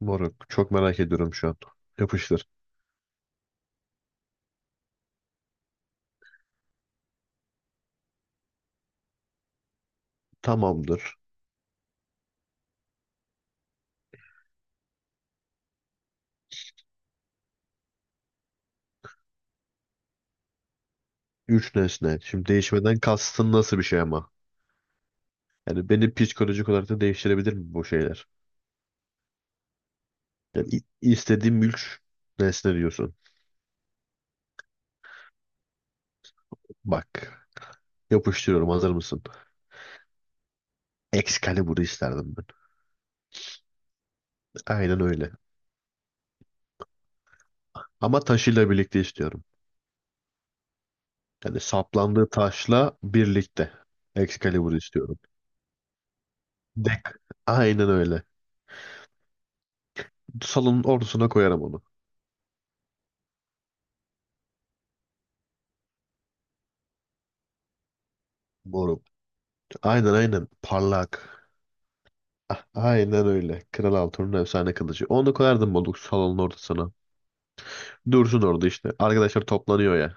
Moruk, çok merak ediyorum şu an. Yapıştır. Tamamdır. Üç nesne. Şimdi değişmeden kastın nasıl bir şey ama? Yani beni psikolojik olarak da değiştirebilir mi bu şeyler? Yani i- istediğim üç nesne diyorsun. Bak. Yapıştırıyorum. Hazır mısın? Excalibur'u isterdim ben. Aynen öyle. Ama taşıyla birlikte istiyorum. Yani saplandığı taşla birlikte. Excalibur'u istiyorum. Dek. Aynen öyle. Salonun ortasına koyarım onu. Moruk. Aynen aynen. Parlak. Ah, aynen öyle. Kral Altun'un efsane kılıcı. Onu koyardım Moluk salonun ortasına. Dursun orada işte. Arkadaşlar toplanıyor ya.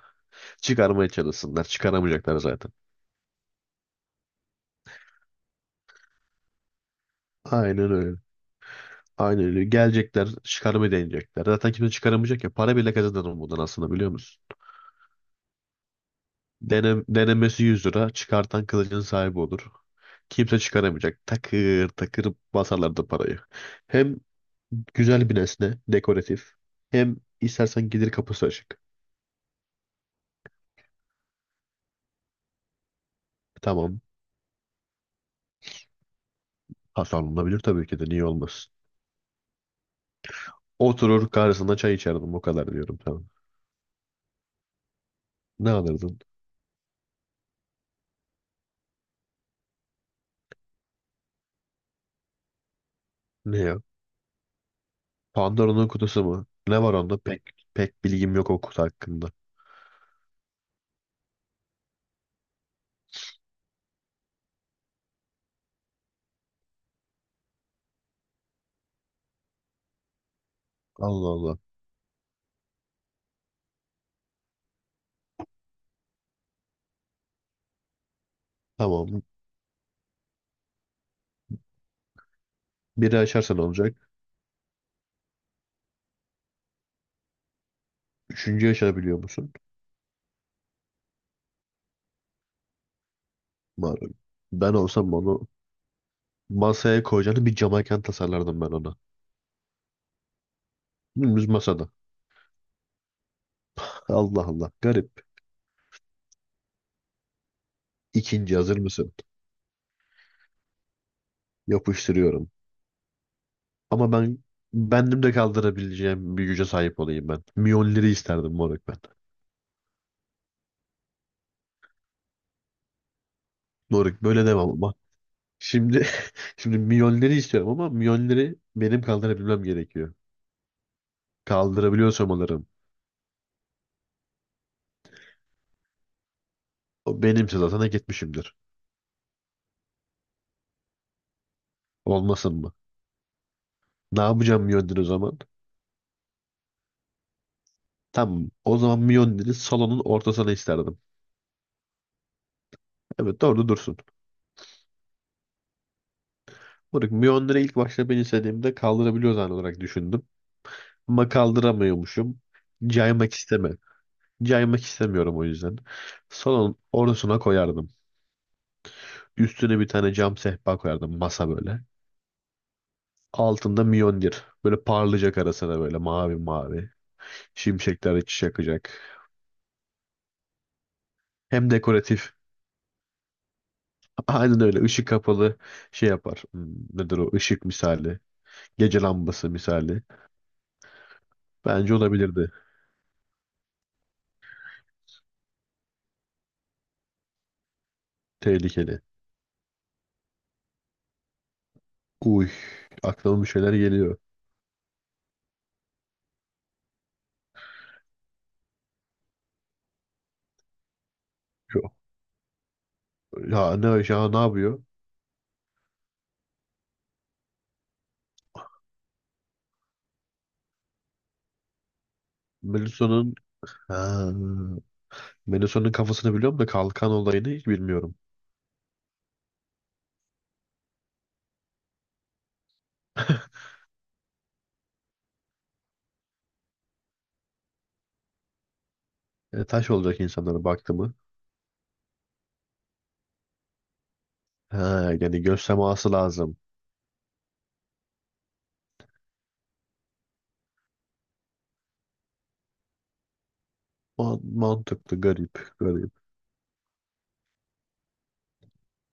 Çıkarmaya çalışsınlar. Çıkaramayacaklar zaten. Aynen öyle. Aynen öyle. Gelecekler, çıkarmayı deneyecekler. Zaten kimse çıkaramayacak ya. Para bile kazanır bundan aslında, biliyor musun? Denemesi 100 lira. Çıkartan kılıcın sahibi olur. Kimse çıkaramayacak. Takır takır basarlar da parayı. Hem güzel bir nesne. Dekoratif. Hem istersen gelir kapısı açık. Tamam. Hasan olabilir tabii ki de, niye olmasın. Oturur karşısında çay içerdim, o kadar diyorum, tamam. Ne alırdın? Ne ya? Pandora'nın kutusu mu? Ne var onda? Pek bilgim yok o kutu hakkında. Allah Allah. Tamam. Biri açarsan olacak. Üçüncü açabiliyor musun? Umarım. Ben olsam onu masaya koyacağını bir camaken tasarlardım ben ona. Dümdüz masada. Allah Allah. Garip. İkinci, hazır mısın? Yapıştırıyorum. Ama bendim de kaldırabileceğim bir güce sahip olayım ben. Miyonları isterdim moruk ben. Moruk, böyle devam ama. Şimdi şimdi milyonları istiyorum ama milyonları benim kaldırabilmem gerekiyor. Kaldırabiliyorsam alırım. O benimse zaten hak etmişimdir. Olmasın mı? Ne yapacağım milyonları o zaman? Tamam. O zaman milyonları salonun ortasına isterdim. Evet, orada dursun. Moruk, milyonları ilk başta ben istediğimde kaldırabiliyor zan olarak düşündüm. Ama kaldıramıyormuşum. Caymak isteme. Caymak istemiyorum o yüzden. Salonun ortasına koyardım. Üstüne bir tane cam sehpa koyardım, masa böyle. Altında Mjolnir. Böyle parlayacak arasına böyle, mavi mavi. Şimşekler içi yakacak. Hem dekoratif. Aynen öyle. Işık kapalı şey yapar. Hmm, nedir o? Işık misali. Gece lambası misali. Bence olabilirdi. Tehlikeli. Uy. Aklıma bir şeyler geliyor. Yok. Ya ne yapıyor? Melison'un. Ha, Melisa'nın kafasını biliyorum da kalkan olayını hiç bilmiyorum. Taş olacak insanlara baktı mı? Ha, yani göz teması lazım. Mantıklı, garip, garip.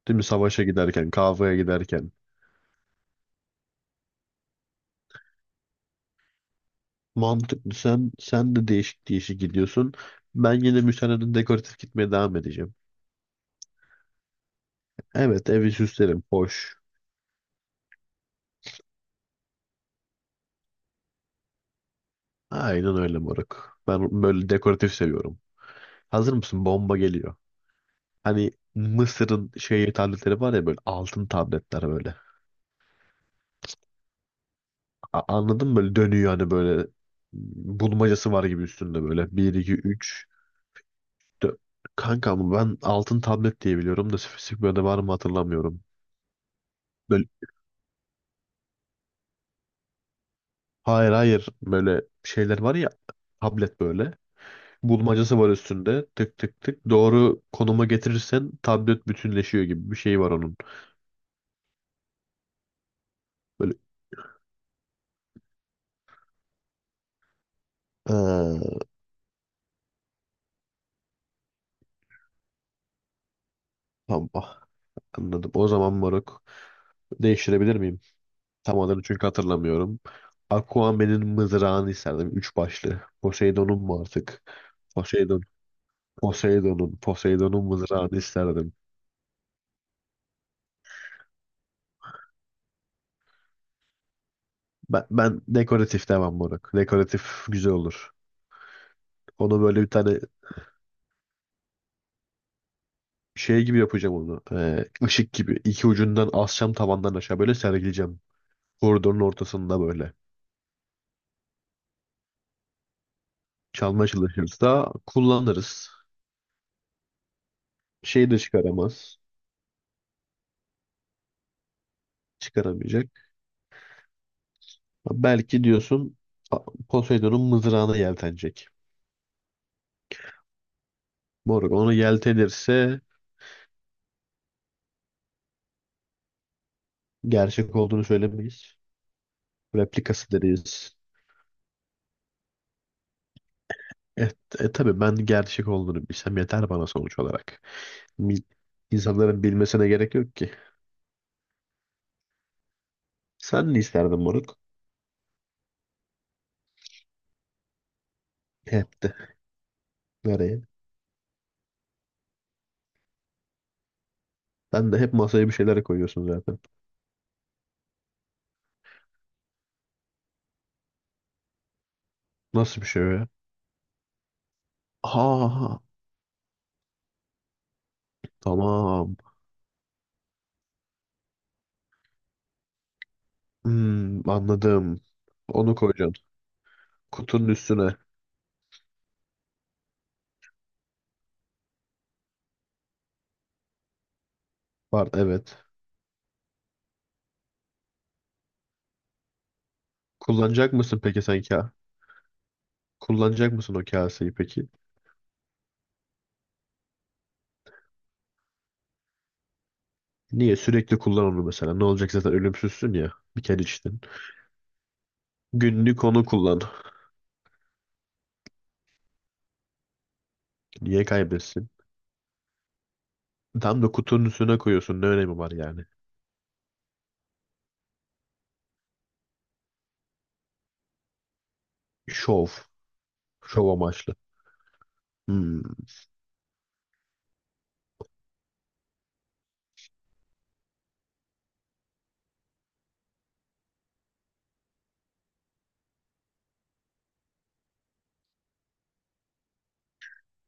Değil mi? Savaşa giderken, kavgaya giderken. Mantıklı. Sen de değişik değişik gidiyorsun. Ben yine müsaadenle dekoratif gitmeye devam edeceğim. Evet, evi süslerim. Hoş. Aynen öyle moruk. Ben böyle dekoratif seviyorum. Hazır mısın? Bomba geliyor. Hani Mısır'ın şey tabletleri var ya, böyle altın tabletler böyle. Anladın mı? Böyle dönüyor hani, böyle bulmacası var gibi üstünde böyle. Bir 2 üç. Dö- Kanka, ama ben altın tablet diye biliyorum da spesifik böyle var mı hatırlamıyorum. Böyle, hayır böyle şeyler var ya, tablet böyle. Bulmacası var üstünde, tık tık tık. Doğru konuma getirirsen tablet bütünleşiyor gibi bir şey var onun. Böyle. Ee, tamam, ah, anladım. O zaman moruk, değiştirebilir miyim? Tam adını çünkü hatırlamıyorum. Aquaman'in mızrağını isterdim. Üç başlı. Poseidon'un mu artık? Poseidon. Poseidon'un. Poseidon'un mızrağını isterdim. Ben dekoratif devam moruk. Dekoratif güzel olur. Onu böyle bir tane şey gibi yapacağım onu. Işık gibi. İki ucundan asacağım tavandan aşağı, böyle sergileyeceğim. Koridorun ortasında böyle. Çalmaya çalışırsa kullanırız. Şeyi de çıkaramaz. Çıkaramayacak. Belki diyorsun, a- Poseidon'un mızrağına yeltenecek. Moruk, onu yeltenirse gerçek olduğunu söylemeyiz. Replikası deriz. E, e, tabii ben gerçek olduğunu bilsem yeter bana sonuç olarak. Mil- insanların bilmesine gerek yok ki. Sen ne isterdin moruk? Hep de. Nereye? Sen de hep masaya bir şeyler koyuyorsun zaten. Nasıl bir şey o ya? Ha, tamam. Hmm, anladım. Onu koyacaksın. Kutunun üstüne. Var, evet. Kullanacak mısın peki sen ka? Kullanacak mısın o kaseyi peki? Niye? Sürekli kullan onu mesela. Ne olacak, zaten ölümsüzsün ya. Bir kere içtin. Günlük onu kullan. Niye kaybetsin? Tam da kutunun üstüne koyuyorsun. Ne önemi var yani? Şov. Şov amaçlı. Hmm,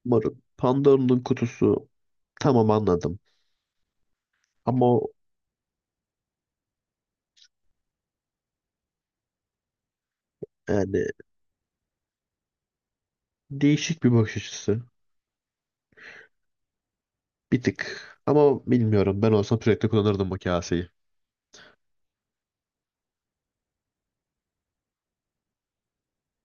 marul. Pandora'nın kutusu, tamam, anladım. Ama o yani, değişik bir bakış açısı. Bir tık. Ama bilmiyorum, ben olsam sürekli kullanırdım bu kaseyi.